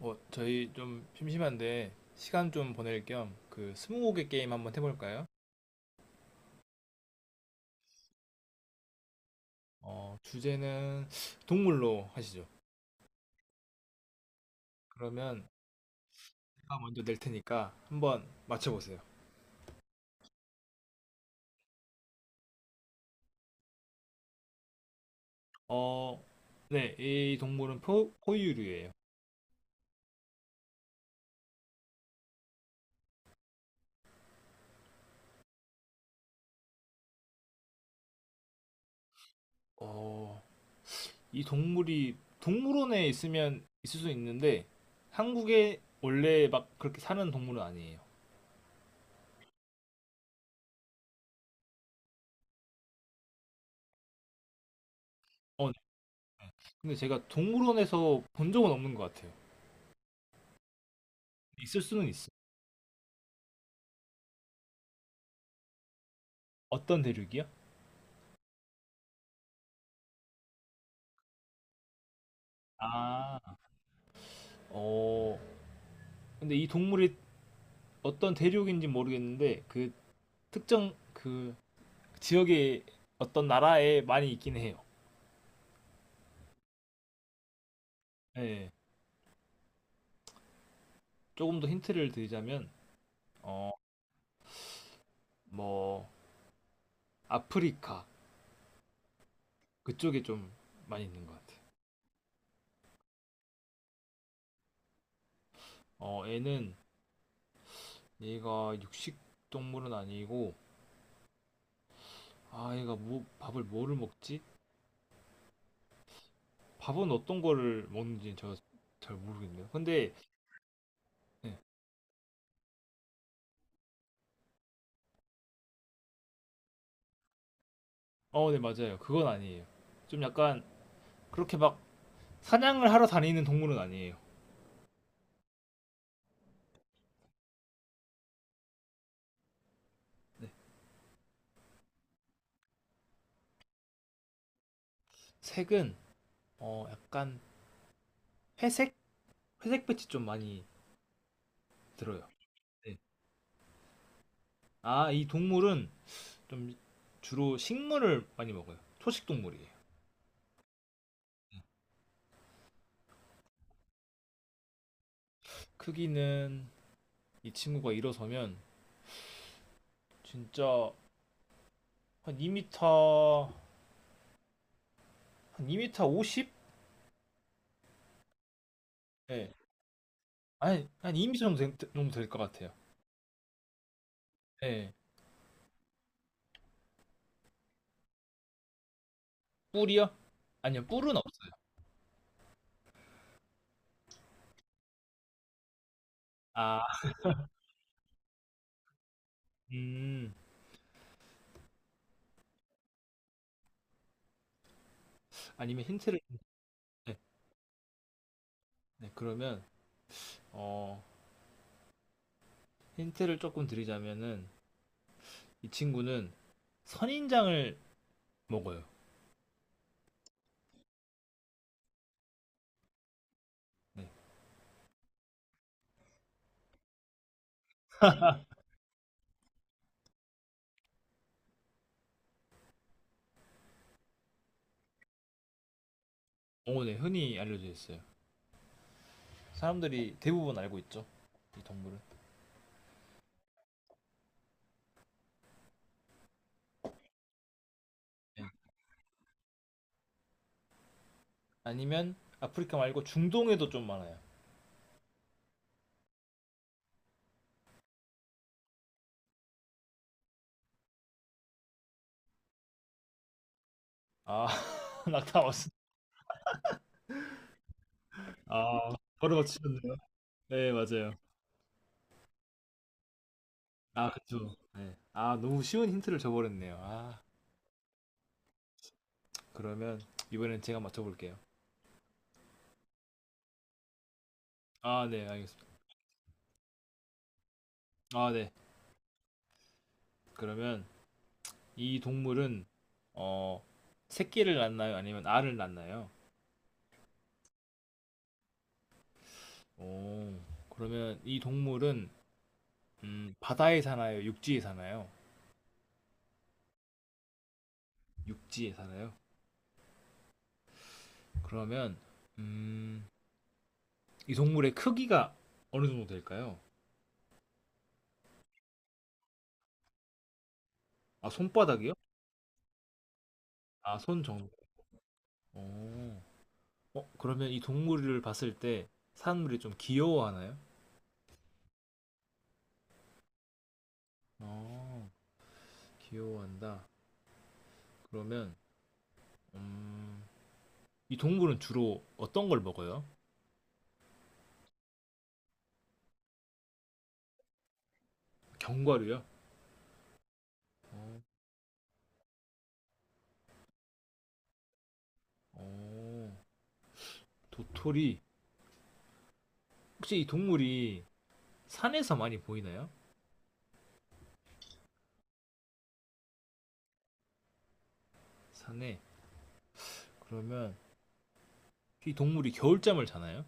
저희 좀 심심한데 시간 좀 보낼 겸 그 스무고개 게임 한번 해볼까요? 주제는 동물로 하시죠. 그러면 제가 먼저 낼 테니까 한번 맞춰보세요. 어, 네, 이 동물은 포, 포유류예요. 어, 이 동물이 동물원에 있으면 있을 수 있는데 한국에 원래 막 그렇게 사는 동물은 아니에요. 네. 근데 제가 동물원에서 본 적은 없는 것 같아요. 있을 수는 있어. 어떤 대륙이요? 아, 어, 근데 이 동물이 어떤 대륙인지 모르겠는데 그 특정 그 지역의 어떤 나라에 많이 있긴 해요. 예. 조금 더 힌트를 드리자면 어 뭐 아프리카 그쪽에 좀 많이 있는 것 같아 요. 얘는 얘가 육식 동물은 아니고 아 얘가 뭐 밥을 뭐를 먹지? 밥은 어떤 거를 먹는지 저 잘 모르겠네요. 근데 네. 네 맞아요. 그건 아니에요. 좀 약간 그렇게 막 사냥을 하러 다니는 동물은 아니에요. 색은 약간 회색? 회색 빛이 좀 많이 들어요. 네. 아, 이 동물은 좀 주로 식물을 많이 먹어요. 초식 동물이에요. 크기는 이 친구가 일어서면 진짜 한2터한2터 50? 네. 아니, 한2터 정도 정도 될 것 같아요. 네. 뿔이요? 아니요, 뿔은 없어요. 아, 음, 아니면 힌트를, 네, 네, 그러면, 어, 힌트를 조금 드리자면은, 이 친구는 선인장을 먹어요. 네. 네, 흔히 알려져 있어요. 사람들이 대부분 알고 있죠. 이 동물은. 네. 아니면 아프리카 말고 중동에도 좀 많아요. 아, 낙타 왔어. 아, 바로 맞추셨네요. 네, 맞아요. 아, 그쵸. 네. 아, 너무 쉬운 힌트를 줘버렸네요. 아, 그러면 이번엔 제가 맞춰볼게요. 아, 네, 알겠습니다. 아, 네. 그러면 이 동물은 어, 새끼를 낳나요? 아니면 알을 낳나요? 오, 그러면 이 동물은 바다에 사나요? 육지에 사나요? 육지에 살아요. 그러면 음, 이 동물의 크기가 어느 정도 될까요? 아, 손바닥이요? 아, 손 정도. 어, 그러면 이 동물을 봤을 때 사람들이 좀 귀여워하나요? 어, 귀여워한다. 그러면 음, 이 동물은 주로 어떤 걸 먹어요? 견과류요? 어, 어, 도토리. 혹시 이 동물이 산에서 많이 보이나요? 산에. 그러면 이 동물이 겨울잠을 자나요?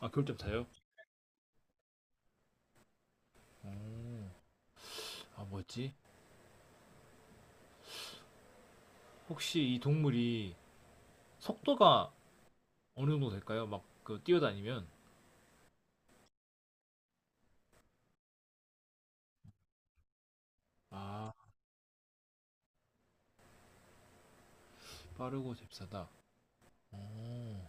아, 겨울잠 자요? 어. 아, 뭐였지? 혹시 이 동물이 속도가 어느 정도 될까요? 막, 그, 뛰어다니면? 아, 빠르고 잽싸다. 오.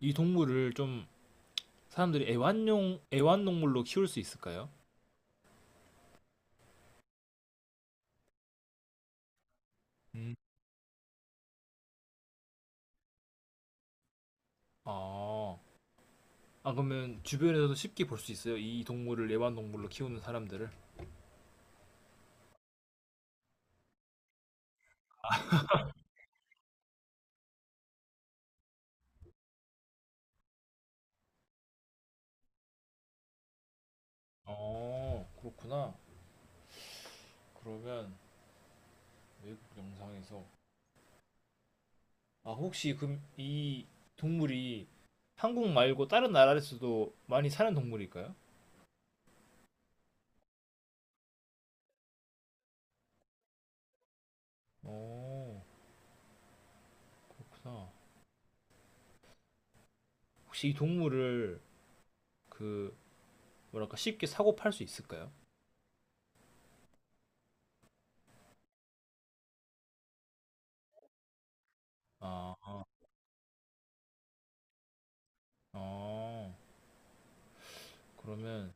이 동물을 좀 사람들이 애완용, 애완동물로 키울 수 있을까요? 음. 아, 아, 그러면 주변에서도 쉽게 볼 수 있어요? 이 동물을 애완동물로 키우는 사람들을? 그렇구나. 그러면 외국 영상에서. 아, 혹시 그럼 이 동물이 한국 말고 다른 나라에서도 많이 사는 동물일까요? 어. 그래서 혹시 이 동물을 그 뭐랄까 쉽게 사고 팔 수 있을까요? 아, 아, 아. 그러면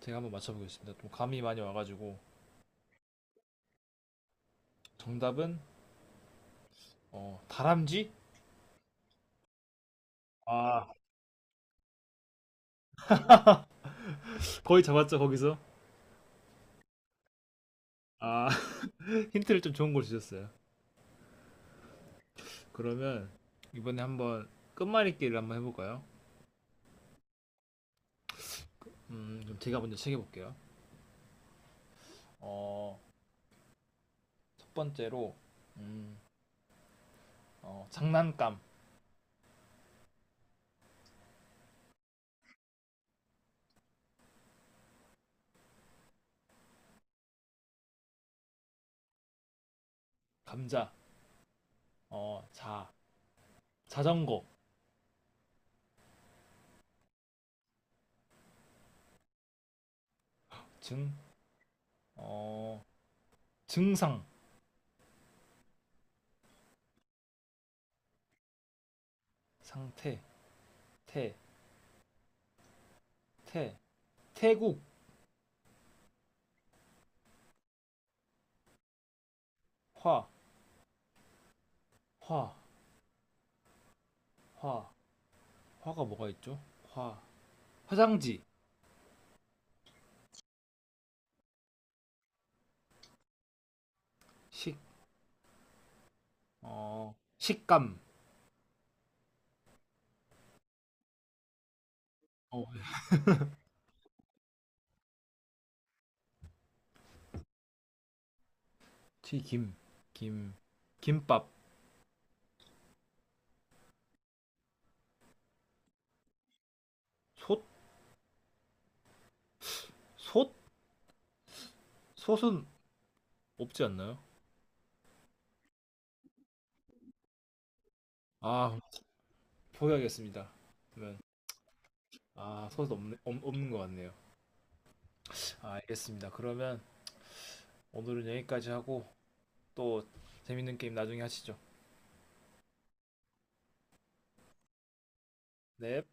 제가 한번 맞춰보겠습니다. 좀 감이 많이 와가지고 정답은 다람쥐? 아, 거의 잡았죠 거기서? 아, 힌트를 좀 좋은 걸 주셨어요. 그러면 이번에 한번 끝말잇기를 한번 해볼까요? 그럼 제가 먼저 챙겨볼게요. 어, 첫 번째로 음, 장난감, 감자, 자, 자전거, 증, 어, 증상. 상태, 태, 태, 태국, 화, 화, 화, 화가 뭐가 있죠? 화, 화장지, 식, 식감, 어, 튀김, 김, 김밥, 솥, 솥, 솥은 없지 않나요? 아, 포기하겠습니다. 그러면 아, 솥은 없는 것 같네요. 아, 알겠습니다. 그러면 오늘은 여기까지 하고 또 재밌는 게임 나중에 하시죠. 넵.